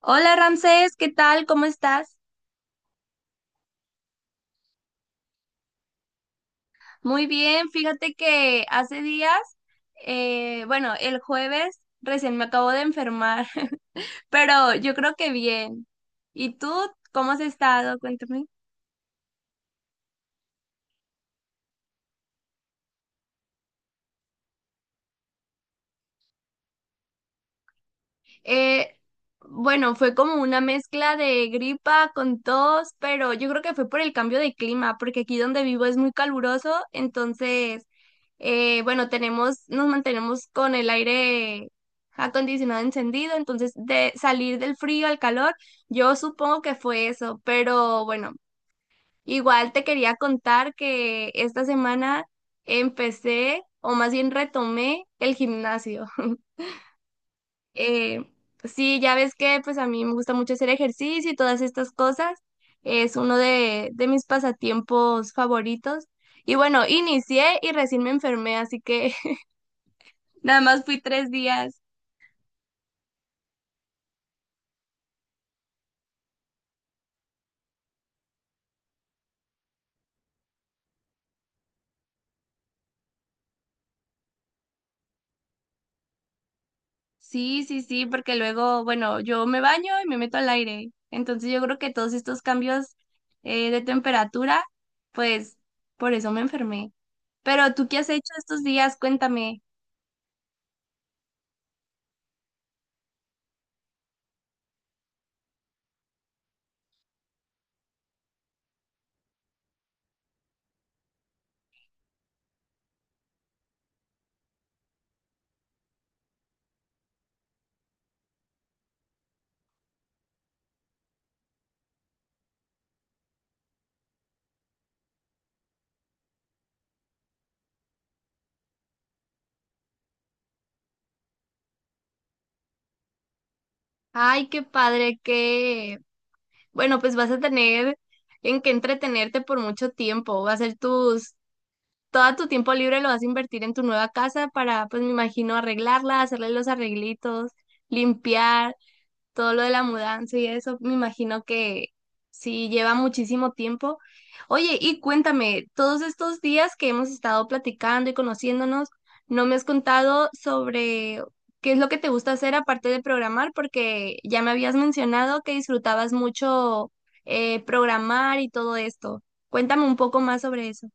Hola Ramsés, ¿qué tal? ¿Cómo estás? Muy bien, fíjate que hace días, bueno, el jueves recién me acabo de enfermar, pero yo creo que bien. ¿Y tú cómo has estado? Cuéntame. Eh, bueno, fue como una mezcla de gripa con tos, pero yo creo que fue por el cambio de clima, porque aquí donde vivo es muy caluroso, entonces, bueno, nos mantenemos con el aire acondicionado encendido, entonces de salir del frío al calor, yo supongo que fue eso, pero bueno, igual te quería contar que esta semana empecé, o más bien retomé el gimnasio. Eh, sí, ya ves que pues a mí me gusta mucho hacer ejercicio y todas estas cosas. Es uno de mis pasatiempos favoritos. Y bueno, inicié y recién me enfermé, así que nada más fui 3 días. Sí, sí, sí, porque luego, bueno, yo me baño y me meto al aire. Entonces yo creo que todos estos cambios de temperatura, pues por eso me enfermé. Pero ¿tú qué has hecho estos días? Cuéntame. Ay, qué padre, bueno, pues vas a tener en qué entretenerte por mucho tiempo. Va a ser tus, todo tu tiempo libre lo vas a invertir en tu nueva casa para, pues me imagino, arreglarla, hacerle los arreglitos, limpiar todo lo de la mudanza y eso, me imagino que sí lleva muchísimo tiempo. Oye, y cuéntame, todos estos días que hemos estado platicando y conociéndonos, no me has contado sobre qué es lo que te gusta hacer aparte de programar, porque ya me habías mencionado que disfrutabas mucho programar y todo esto. Cuéntame un poco más sobre eso.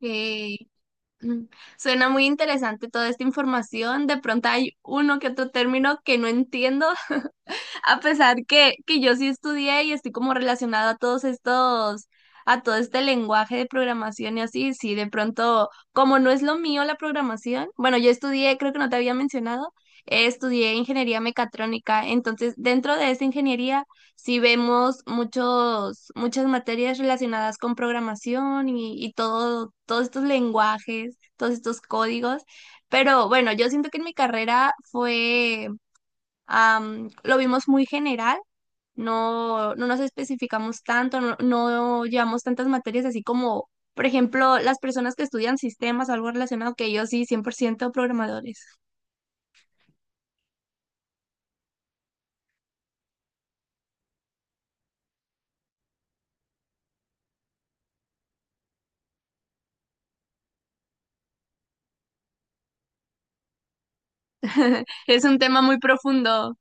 Eh, mm, Suena muy interesante toda esta información. De pronto hay uno que otro término que no entiendo. A pesar que yo sí estudié y estoy como relacionada a todos estos, a todo este lenguaje de programación y así, sí, de pronto, como no es lo mío la programación, bueno, yo estudié, creo que no te había mencionado, estudié ingeniería mecatrónica, entonces dentro de esa ingeniería sí vemos muchos, muchas materias relacionadas con programación y todo, todos estos lenguajes, todos estos códigos. Pero bueno, yo siento que en mi carrera lo vimos muy general, no, no nos especificamos tanto, no, no llevamos tantas materias así como, por ejemplo, las personas que estudian sistemas o algo relacionado, que yo sí, 100% programadores. Es un tema muy profundo.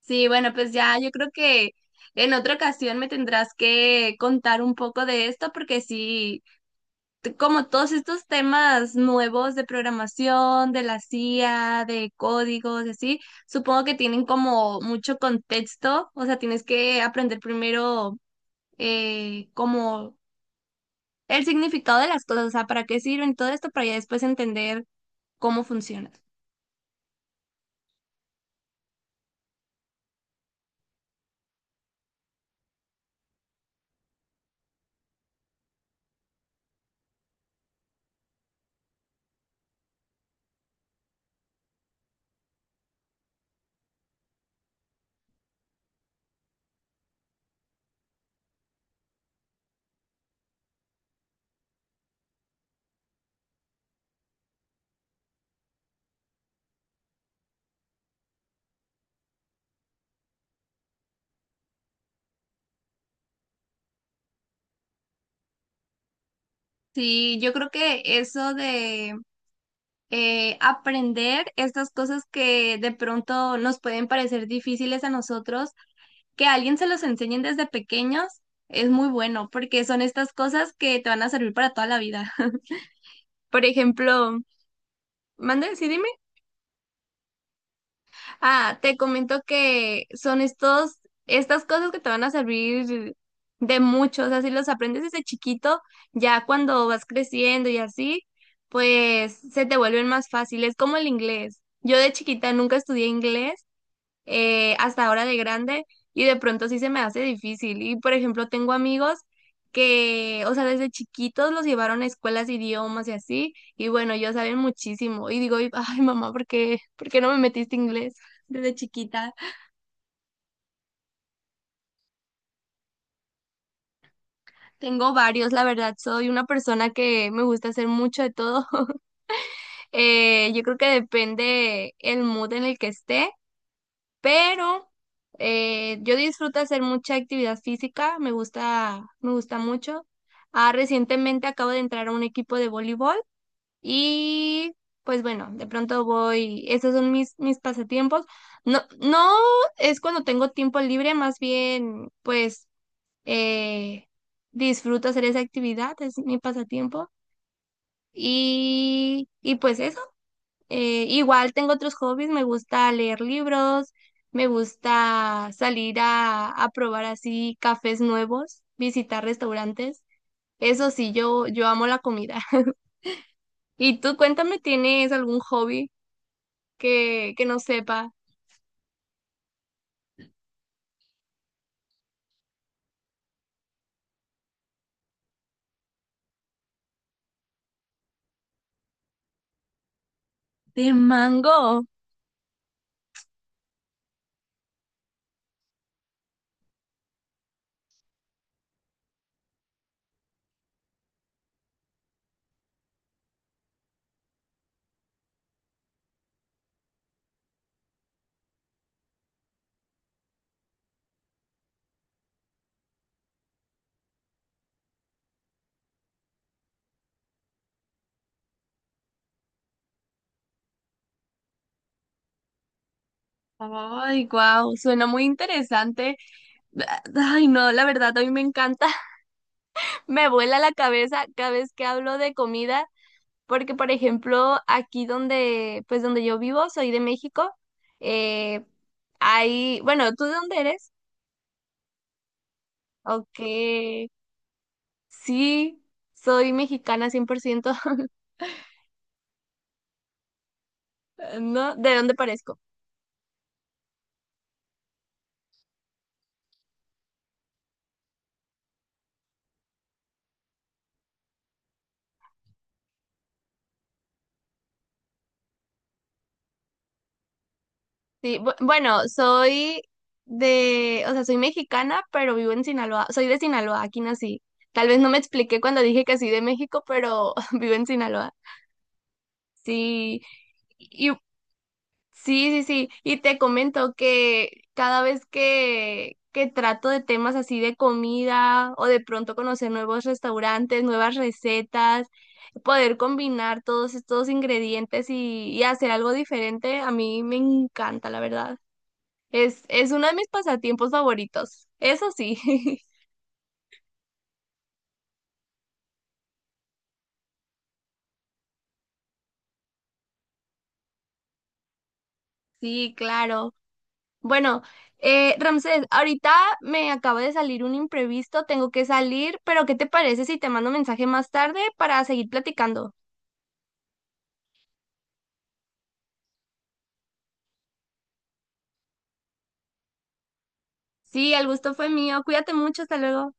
Sí, bueno, pues ya yo creo que en otra ocasión me tendrás que contar un poco de esto porque sí, como todos estos temas nuevos de programación, de la CIA, de códigos, y así, supongo que tienen como mucho contexto, o sea, tienes que aprender primero como el significado de las cosas, o sea, para qué sirven todo esto, para ya después entender cómo funciona. Sí, yo creo que eso de aprender estas cosas que de pronto nos pueden parecer difíciles a nosotros, que a alguien se los enseñen desde pequeños, es muy bueno, porque son estas cosas que te van a servir para toda la vida. Por ejemplo, mande, sí, dime. Ah, te comento que son estos, estas cosas que te van a servir de mucho. O sea, si los aprendes desde chiquito, ya cuando vas creciendo y así, pues se te vuelven más fáciles, como el inglés. Yo de chiquita nunca estudié inglés hasta ahora de grande y de pronto sí se me hace difícil. Y por ejemplo, tengo amigos que, o sea, desde chiquitos los llevaron a escuelas de idiomas y así, y bueno, ellos saben muchísimo. Y digo, ay mamá, ¿por qué no me metiste inglés desde chiquita? Tengo varios, la verdad, soy una persona que me gusta hacer mucho de todo. Yo creo que depende el mood en el que esté. Pero yo disfruto hacer mucha actividad física, me gusta mucho. Ah, recientemente acabo de entrar a un equipo de voleibol y pues bueno, de pronto voy, esos son mis pasatiempos. No, no es cuando tengo tiempo libre, más bien pues eh, disfruto hacer esa actividad, es mi pasatiempo. Y pues eso. Igual tengo otros hobbies, me gusta leer libros, me gusta salir a probar así cafés nuevos, visitar restaurantes. Eso sí, yo amo la comida. Y tú cuéntame, ¿tienes algún hobby que no sepa? De mango. Ay, wow, suena muy interesante. Ay, no, la verdad, a mí me encanta. Me vuela la cabeza cada vez que hablo de comida. Porque, por ejemplo, aquí donde, pues donde yo vivo, soy de México. eh, bueno, ¿tú de dónde eres? Ok, sí, soy mexicana 100%. ¿No? ¿De dónde parezco? Sí, bueno, o sea, soy mexicana, pero vivo en Sinaloa, soy de Sinaloa, aquí nací. Tal vez no me expliqué cuando dije que soy de México, pero vivo en Sinaloa. Sí, y sí, sí, sí. Y te comento que cada vez que trato de temas así de comida o de pronto conocer nuevos restaurantes, nuevas recetas, poder combinar todos estos ingredientes y hacer algo diferente, a mí me encanta, la verdad. Es uno de mis pasatiempos favoritos. Eso sí. Sí, claro. Bueno, Ramsés, ahorita me acaba de salir un imprevisto, tengo que salir, pero ¿qué te parece si te mando mensaje más tarde para seguir platicando? Sí, el gusto fue mío, cuídate mucho, hasta luego.